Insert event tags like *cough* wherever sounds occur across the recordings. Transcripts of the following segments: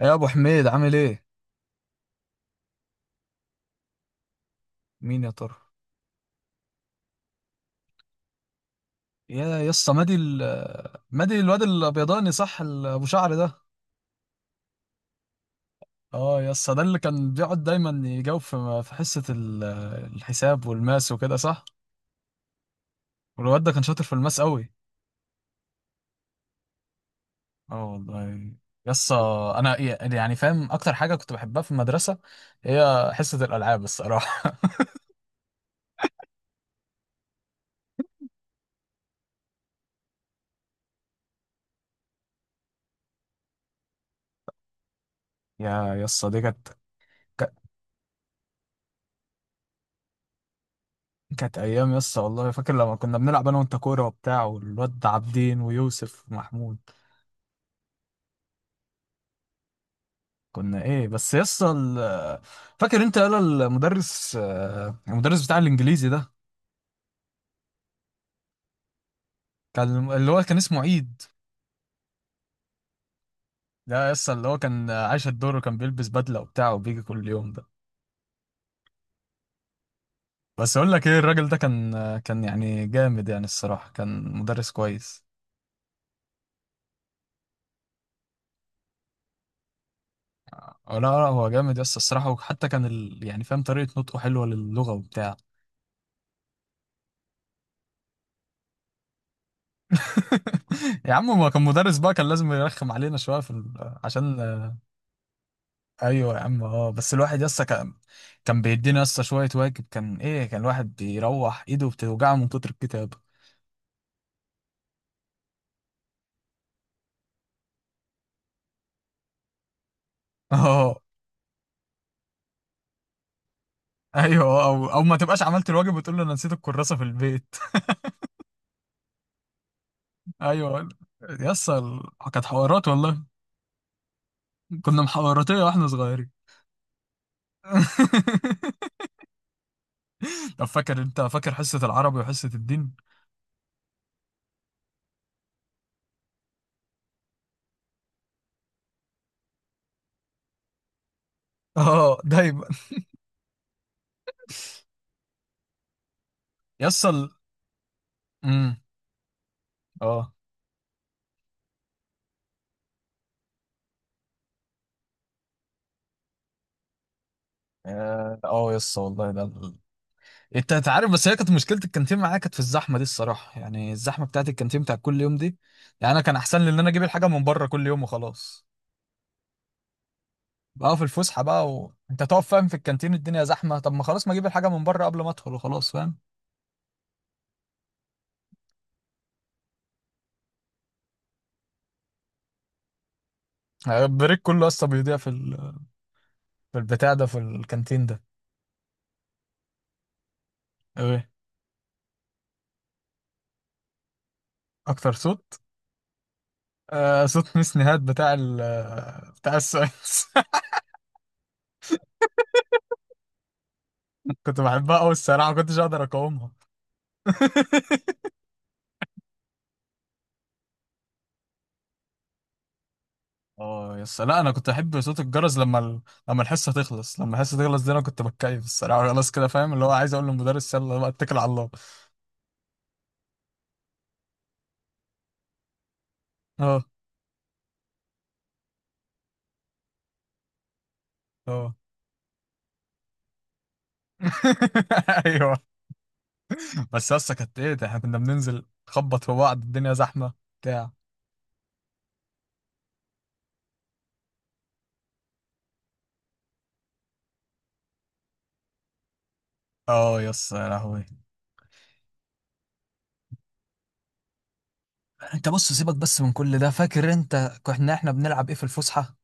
يا ابو حميد، عامل ايه؟ مين يا ترى؟ يا يسا، مادي الواد الابيضاني، صح؟ ابو شعر ده؟ اه يسا، ده اللي كان بيقعد دايما يجاوب في حصه الحساب والماس وكده، صح؟ والواد ده كان شاطر في الماس قوي. اه والله. يسا، انا يعني فاهم اكتر حاجه كنت بحبها في المدرسه هي حصه الالعاب الصراحه. *laughs* يا يسا، دي ك- كانت ايام يسا والله، فاكر لما كنا بنلعب انا وانت كوره وبتاع، والواد عابدين ويوسف ومحمود؟ كنا ايه بس يسطا، فاكر انت يلا المدرس بتاع الانجليزي ده؟ كان اللي هو كان اسمه عيد. ده يسطا اللي هو كان عايش الدور، وكان بيلبس بدله وبتاع، وبيجي كل يوم ده. بس اقول لك ايه، الراجل ده كان يعني جامد، يعني الصراحه كان مدرس كويس. لا، لا، هو جامد يسطا الصراحه، وحتى كان يعني فاهم طريقه نطقه حلوه للغه وبتاع. *laughs* يا عم، ما كان مدرس بقى، كان لازم يرخم علينا شويه عشان. ايوه يا عم، اه، بس الواحد يسطا كان بيدينا يسطا شويه واجب، كان ايه، كان الواحد بيروح ايده بتوجعه من كتر الكتابه. *laughs* اه، ايوه، او ما تبقاش عملت الواجب وتقول له انا نسيت الكراسه في البيت. *laughs* ايوه. يسطا كانت حوارات والله، كنا محوراتيه واحنا صغيرين. *laughs* طب فاكر انت؟ فاكر حصه العربي وحصه الدين؟ *laughs* اه دايما. يسطا امم اه، اه، يسطا والله ده. انت عارف، بس هي كانت مشكله الكانتين معايا، كانت في الزحمه دي الصراحه، يعني الزحمه بتاعت الكانتين بتاعت كل يوم دي. يعني انا كان احسن لي ان انا اجيب الحاجه من بره كل يوم وخلاص. بقى في الفسحه بقى، وانت تقف فاهم في الكانتين الدنيا زحمه، طب ما خلاص ما اجيب الحاجه من بره قبل ما ادخل وخلاص فاهم. يعني البريك كله اصلا بيضيع في البتاع ده، في الكانتين ده. ايه اكتر صوت؟ آه، صوت ميس نهاد بتاع السويس. *laughs* كنت بحبها قوي الصراحه، ما كنتش اقدر اقاومها. *laughs* اه يس، لا، انا كنت احب صوت الجرس لما الحصه تخلص دي، انا كنت بتكيف الصراحه. *laughs* خلاص كده فاهم، اللي هو عايز اقول للمدرس يلا بقى، اتكل على الله. اه، اه. *laughs* ايوه. بس يس، كانت ايه ده، احنا كنا بننزل نخبط في بعض الدنيا زحمه، بتاع. اه يس، يا لهوي. انت بص، سيبك بس من كل ده، فاكر انت كنا احنا بنلعب ايه في الفسحه؟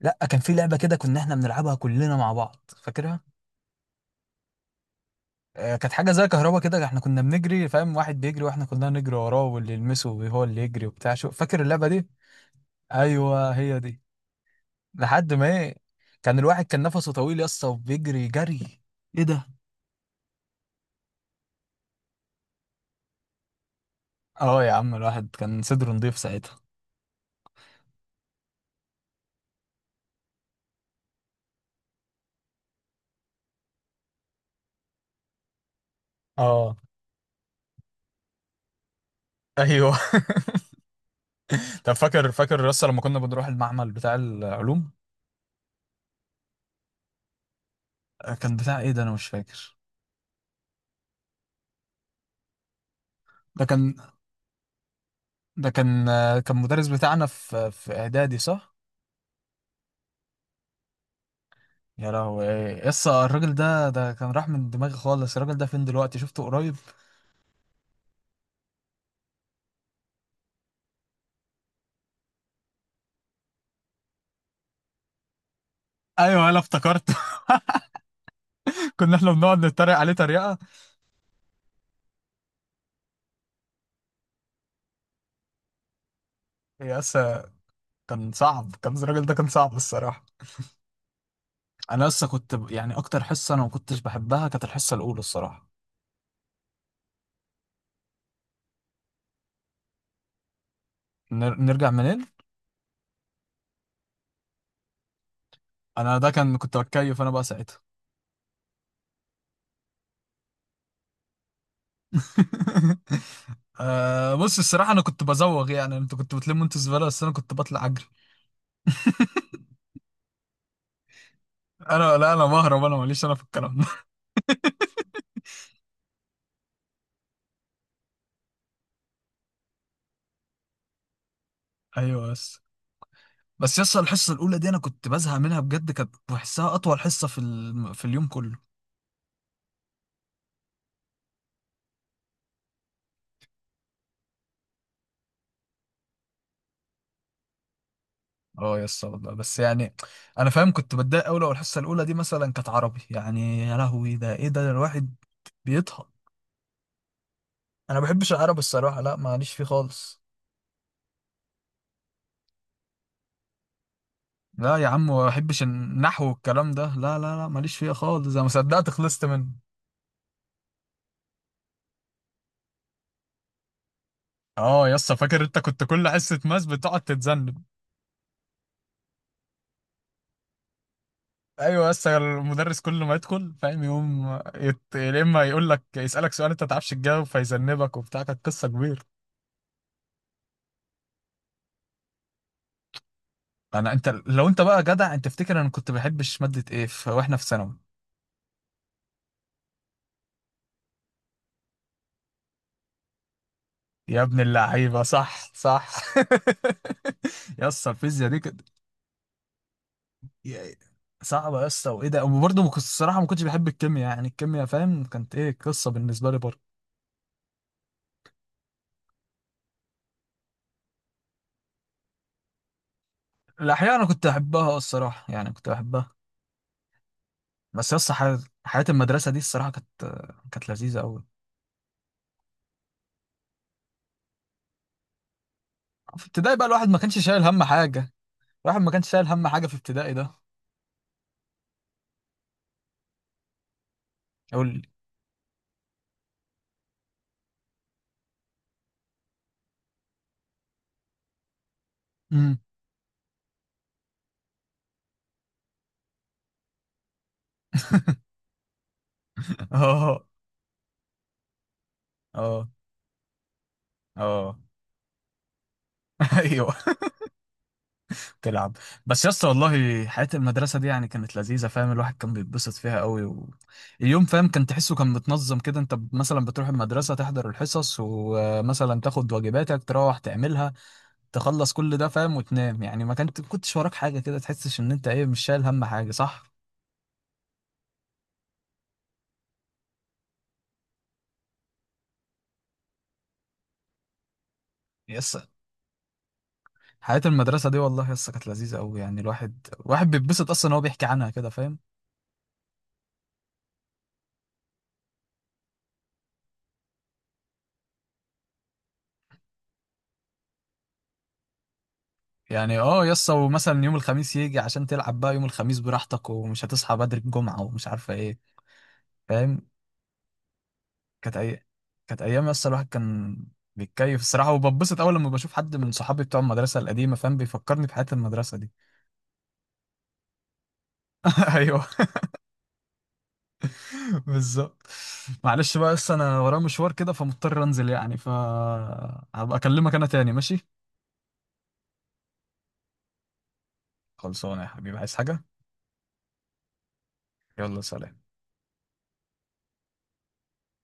لا، كان في لعبه كده كنا احنا بنلعبها كلنا مع بعض، فاكرها؟ كانت حاجه زي كهربا كده، احنا كنا بنجري فاهم، واحد بيجري واحنا كلنا نجري وراه، واللي يلمسه هو اللي يجري وبتاع، شو فاكر اللعبه دي؟ ايوه، هي دي. لحد ما ايه، الواحد كان نفسه طويل يا اسطى وبيجري جري. ايه ده. اه يا عم، الواحد كان صدره نضيف ساعتها. اه، ايوه. *laughs* طب فاكر لسه لما كنا بنروح المعمل بتاع العلوم؟ كان بتاع ايه ده، انا مش فاكر. ده كان ده كان مدرس بتاعنا في اعدادي، صح؟ يا لهوي، ايه يسا، الراجل ده كان راح من دماغي خالص. الراجل ده فين دلوقتي؟ شفته قريب؟ ايوه، انا افتكرت. *laughs* كنا احنا بنقعد نتريق عليه تريقه يسا. كان صعب، كان الراجل ده كان صعب الصراحه. انا لسه كنت يعني، اكتر حصه انا ما كنتش بحبها كانت الحصه الاولى الصراحه. نرجع منين؟ انا ده كان كنت بتكيف انا بقى ساعتها. *laughs* آه، بص الصراحه انا كنت بزوغ، يعني انتوا كنتوا بتلموا انتوا زباله، بس انا كنت بطلع اجري. انا لا، انا بهرب، انا ماليش انا في الكلام ده. *laughs* ايوه. بس يس، الحصه الاولى دي انا كنت بزهق منها بجد، كانت بحسها اطول حصه في اليوم كله. اه يس والله، بس يعني انا فاهم كنت بتضايق قوي لو الحصه الاولى دي مثلا كانت عربي، يعني يا لهوي، ده ايه ده، ده الواحد بيطهق. انا ما بحبش العربي الصراحه، لا ماليش فيه خالص. لا يا عم، ما بحبش النحو والكلام ده، لا، لا، لا، ماليش فيه خالص، انا ما صدقت خلصت منه. اه يس، فاكر انت كنت كل حصه ماس بتقعد تتذنب. ايوه، بس المدرس كل ما يدخل فاهم يقوم يا اما يقول لك، يسالك سؤال انت ما تعرفش تجاوب فيذنبك وبتاع، كانت قصه كبيره. انا، انت لو انت بقى جدع، انت تفتكر انا كنت بحبش ماده ايه واحنا في ثانوي؟ يا ابن اللعيبه، صح، صح. *laughs* يا اسطى، الفيزياء دي كانت، يا- صعبه يا اسطى، وايه ده. وبرضه ما كنت الصراحه ما كنتش بحب الكيمياء، يعني الكيمياء فاهم كانت ايه قصه بالنسبه لي برضه. الاحياء انا كنت احبها الصراحه، يعني كنت بحبها. بس يا اسطى، حياة المدرسه دي الصراحه، كانت لذيذه قوي. في ابتدائي بقى الواحد ما كانش شايل هم حاجة، الواحد ما كانش شايل هم حاجة في ابتدائي ده. قول لي. امم. *laughs* اه، اه، اه. *laughs* ايوه، تلعب. بس يا اسطى والله، حياة المدرسة دي يعني كانت لذيذة فاهم، الواحد كان بيتبسط فيها قوي، اليوم فاهم كان تحسه كان متنظم كده، انت مثلا بتروح المدرسة، تحضر الحصص، ومثلا تاخد واجباتك تروح تعملها، تخلص كل ده فاهم، وتنام. يعني ما كانت كنتش وراك حاجة كده، تحسش ان انت ايه، مش شايل هم حاجة، صح؟ يس، حياة المدرسة دي والله يسا، كانت لذيذة أوي، يعني الواحد بيتبسط أصلا إن هو بيحكي عنها كده فاهم. يعني اه يسا، ومثلا يوم الخميس يجي عشان تلعب بقى يوم الخميس براحتك، ومش هتصحى بدري الجمعة، ومش عارفة ايه. فاهم، كانت أي كانت أيام يسا. الواحد كان بيتكيف الصراحة، وببسط أول لما بشوف حد من صحابي بتوع المدرسة القديمة، فاهم، بيفكرني بحياة المدرسة دي. *laughs* أيوه بالظبط. معلش بقى يسا، أنا ورايا مشوار كده، فمضطر أنزل يعني، فهبقى أكلمك أنا تاني، ماشي؟ خلصانة يا حبيبي، عايز حاجة؟ يلا، سلام.